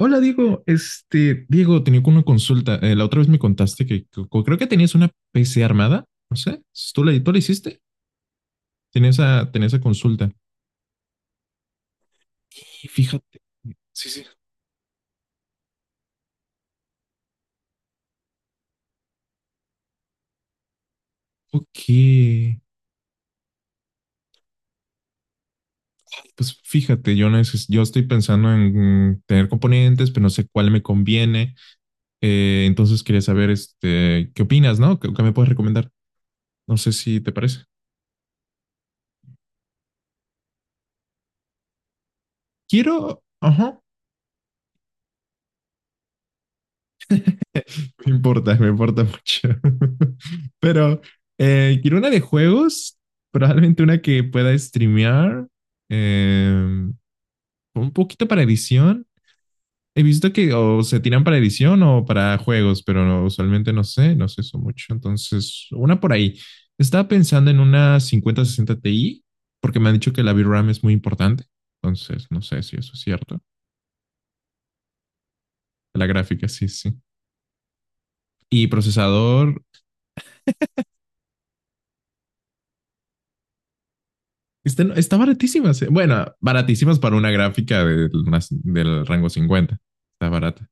Hola Diego, tenía una consulta. La otra vez me contaste que creo que tenías una PC armada, no sé, ¿tú la hiciste? Tenía esa consulta. Y fíjate, sí, sí, ok, pues fíjate, yo, yo estoy pensando en tener componentes, pero no sé cuál me conviene. Entonces quería saber, ¿qué opinas, no? ¿Qué me puedes recomendar? No sé si te parece. Quiero, ajá. Me importa mucho. Pero quiero una de juegos, probablemente una que pueda streamear, eh, un poquito para edición. He visto que o se tiran para edición o para juegos, pero usualmente no sé eso mucho. Entonces, una por ahí. Estaba pensando en una 5060 Ti, porque me han dicho que la VRAM es muy importante. Entonces, no sé si eso es cierto. La gráfica, sí, sí. Y procesador. Está baratísima. Bueno, baratísimas para una gráfica del rango 50. Está barata.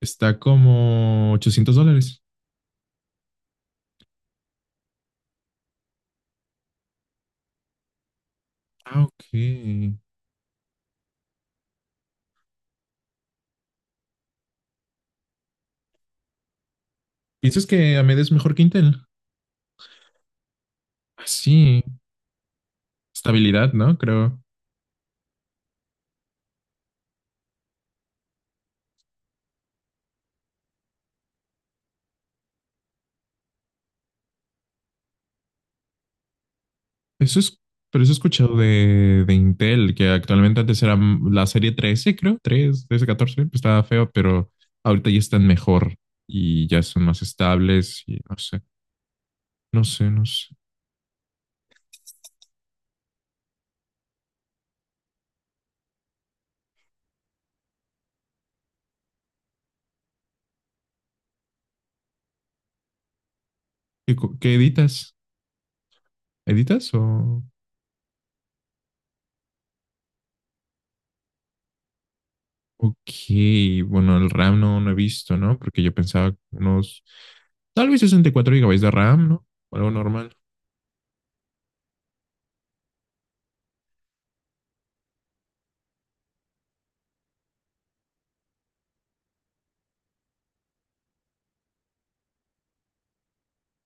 Está como $800. Ah, ok. ¿Piensas que AMD es mejor que Intel? Ah, sí. Estabilidad, ¿no? Creo. Eso es, pero eso he escuchado de Intel, que actualmente antes era la serie 13, creo. Tres 13, 14, pues estaba feo, pero ahorita ya están mejor y ya son más estables y no sé. No sé, no sé. ¿Qué editas? ¿Editas o...? Ok, bueno, el RAM no he visto, ¿no? Porque yo pensaba unos, tal vez 64 gigabytes de RAM, ¿no? Algo normal.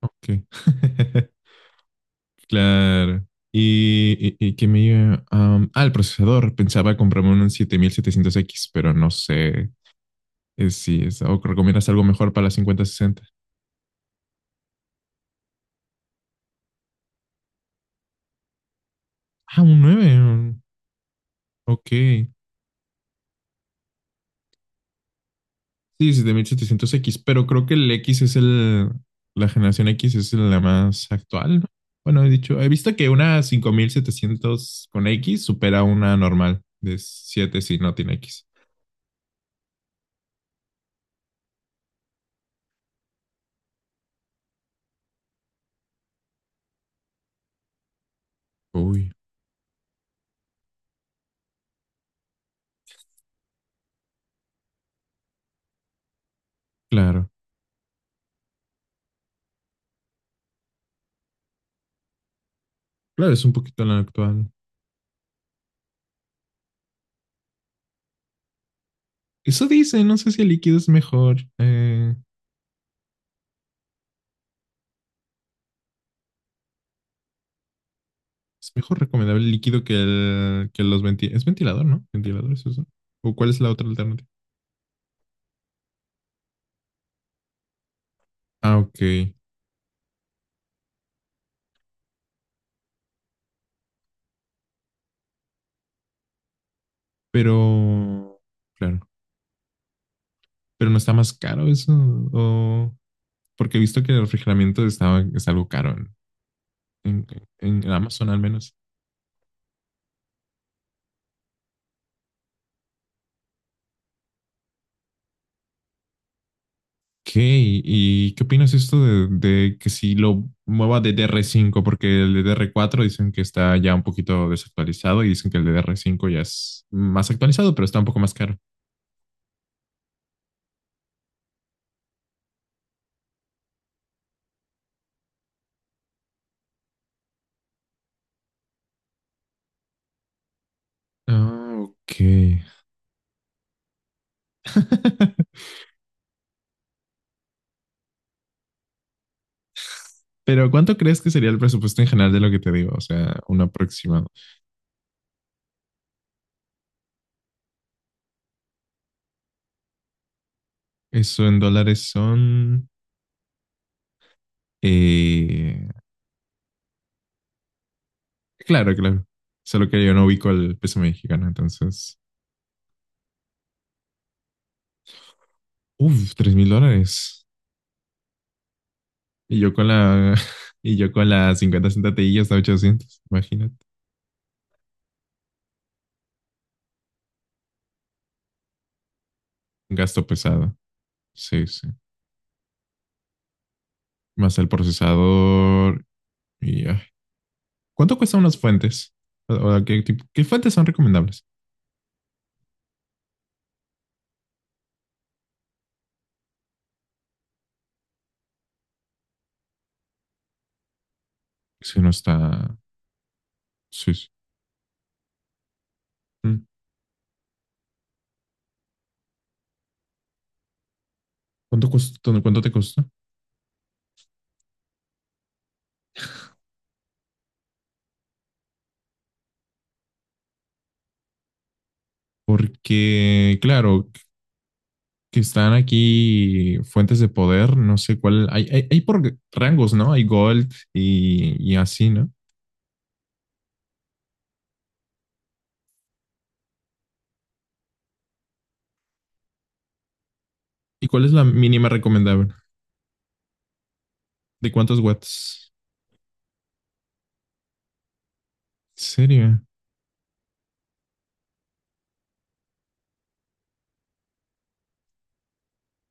Ok. Claro. Y que me... iba- am, ah, el procesador. Pensaba comprarme un 7700X, pero no sé si es... ¿O recomiendas algo mejor para la 5060? Ah, un nueve. Ok. Sí, 7700X, pero creo que el X es el, la generación X es la más actual, ¿no? Bueno, he visto que una 5700X supera una normal de siete si no tiene X. Uy, claro, claro, es un poquito la actual. Eso dice, no sé si el líquido es mejor recomendable el líquido que los ventiladores. Es ventilador, ¿no? Ventilador es eso. ¿O cuál es la otra alternativa? Ah, ok, pero, claro, pero no está más caro eso, o... Porque he visto que el refrigeramiento estaba, es algo caro en, en Amazon al menos. ¿Qué? ¿Y qué opinas esto de que si lo mueva de dr cinco? Porque el ddr cuatro dicen que está ya un poquito desactualizado y dicen que el ddr cinco ya es más actualizado, pero está un poco más caro. Ah, ok. Pero ¿cuánto crees que sería el presupuesto en general de lo que te digo? O sea, un aproximado. Eso en dólares son, eh, claro, claro. Solo que yo no ubico el peso mexicano, entonces. Uf, $3,000. Y yo con la. Y yo con la 50 centatillas hasta 800. Imagínate. Un gasto pesado. Sí, sí. Más el procesador. Ay. ¿Cuánto cuestan unas fuentes? O ¿qué, qué fuentes son recomendables? Si no está. Sí, sí. Mm. ¿Cuánto te costó? Porque, claro, que están aquí fuentes de poder, no sé cuál, hay por rangos, ¿no? Hay gold y así, ¿no? ¿Y cuál es la mínima recomendable? ¿De cuántos watts? ¿En serio?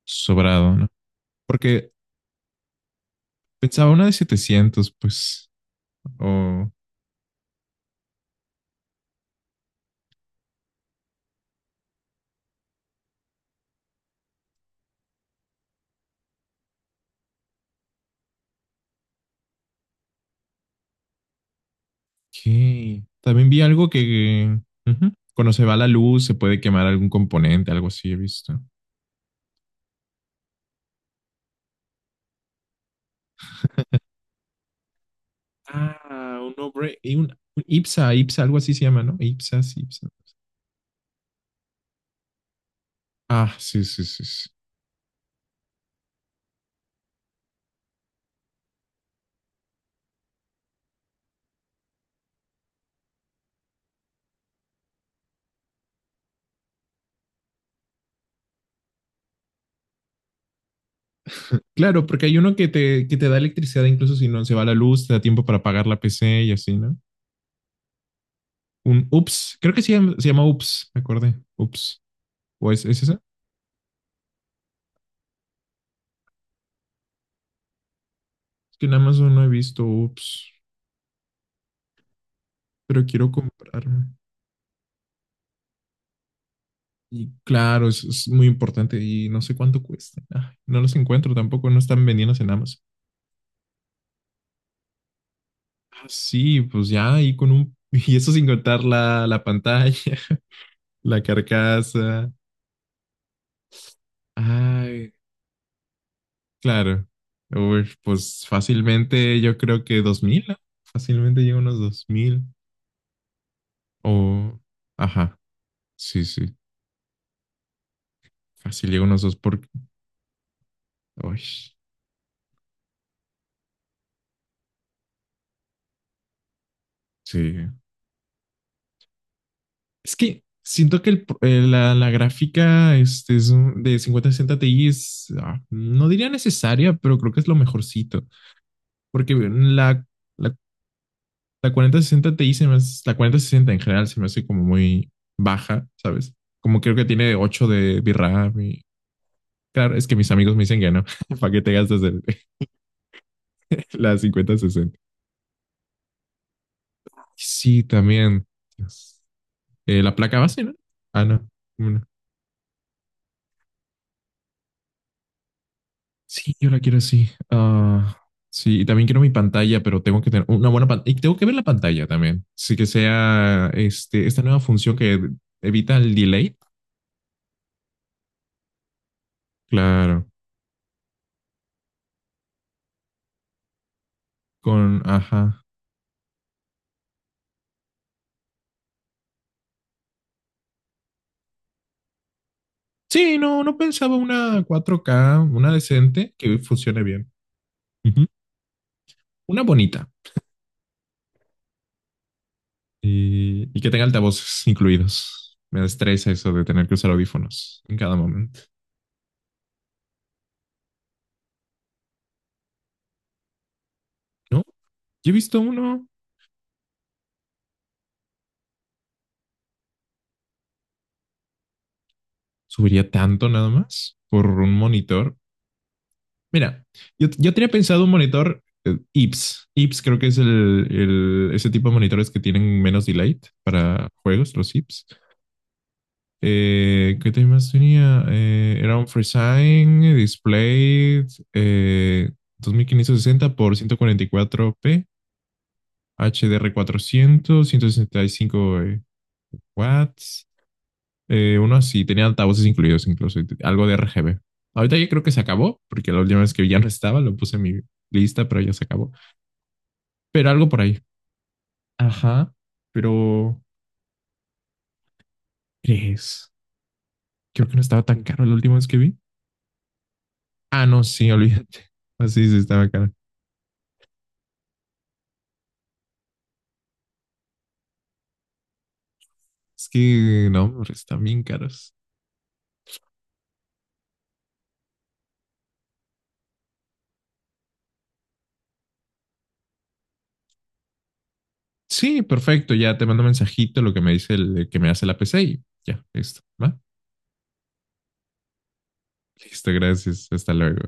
Sobrado, ¿no? Porque pensaba una de 700 pues. Ok. También vi algo que... Uh -huh. Cuando se va la luz, se puede quemar algún componente, algo así he visto. Ah, un, obre- y un IPSA, IPSA, algo así se llama, ¿no? IPSA, sí, IPSA. Ah, sí, sí, sí. Sí. Claro, porque hay uno que te da electricidad incluso si no se va la luz, te da tiempo para apagar la PC y así, ¿no? Un UPS, creo que se llama UPS, me acordé, UPS. ¿O es esa? Es que en Amazon no he visto UPS, pero quiero comprarme. Y claro, es muy importante y no sé cuánto cuesta. Ay, no los encuentro tampoco, no están vendidos en Amazon. Ah, sí, pues ya ahí con un... Y eso sin contar la pantalla, la carcasa. Ay, claro. Uy, pues fácilmente yo creo que 2000, ¿no? Fácilmente llega unos 2,000 o... Ajá, sí, sí. Fácil llega unos dos por... Uy, sí. Es que siento que la gráfica de 5060 Ti es... no diría necesaria, pero creo que es lo mejorcito. Porque la, la 4060 Ti la 4060 en general se me hace como muy baja, ¿sabes? Como creo que tiene 8 de VRAM. Claro, es que mis amigos me dicen que no, para qué te gastas la 5060. Sí, también. Dios. La placa base, ¿no? Ah, no. Bueno. Sí, yo la quiero así. Ah, sí, y también quiero mi pantalla, pero tengo que tener una buena pantalla. Y tengo que ver la pantalla también. Sí, que sea esta nueva función que evita el delay. Claro, con, ajá. Sí, no, no pensaba una 4K, una decente que funcione bien. Ujú. Una bonita. Y que tenga altavoces incluidos. Me estresa eso de tener que usar audífonos en cada momento. No, yo he visto uno, subiría tanto nada más por un monitor. Mira, yo tenía pensado un monitor IPS. IPS creo que es ese tipo de monitores que tienen menos delay para juegos, los IPS. ¿Qué tenía? Era un FreeSign Display, eh, 2560x1440 p HDR400, 165 watts, uno así, tenía altavoces incluidos incluso, algo de RGB. Ahorita ya creo que se acabó, porque la última vez que ya no estaba, lo puse en mi lista, pero ya se acabó. Pero algo por ahí. Ajá, pero ¿crees? Creo que no estaba tan caro la última vez que vi. Ah, no, sí, olvídate. Así sí sí, estaba caro. Es que no, hombre, están bien caros. Sí, perfecto, ya te mando mensajito lo que me dice el que me hace la PC y ya, listo, ¿va? Listo, gracias, hasta luego.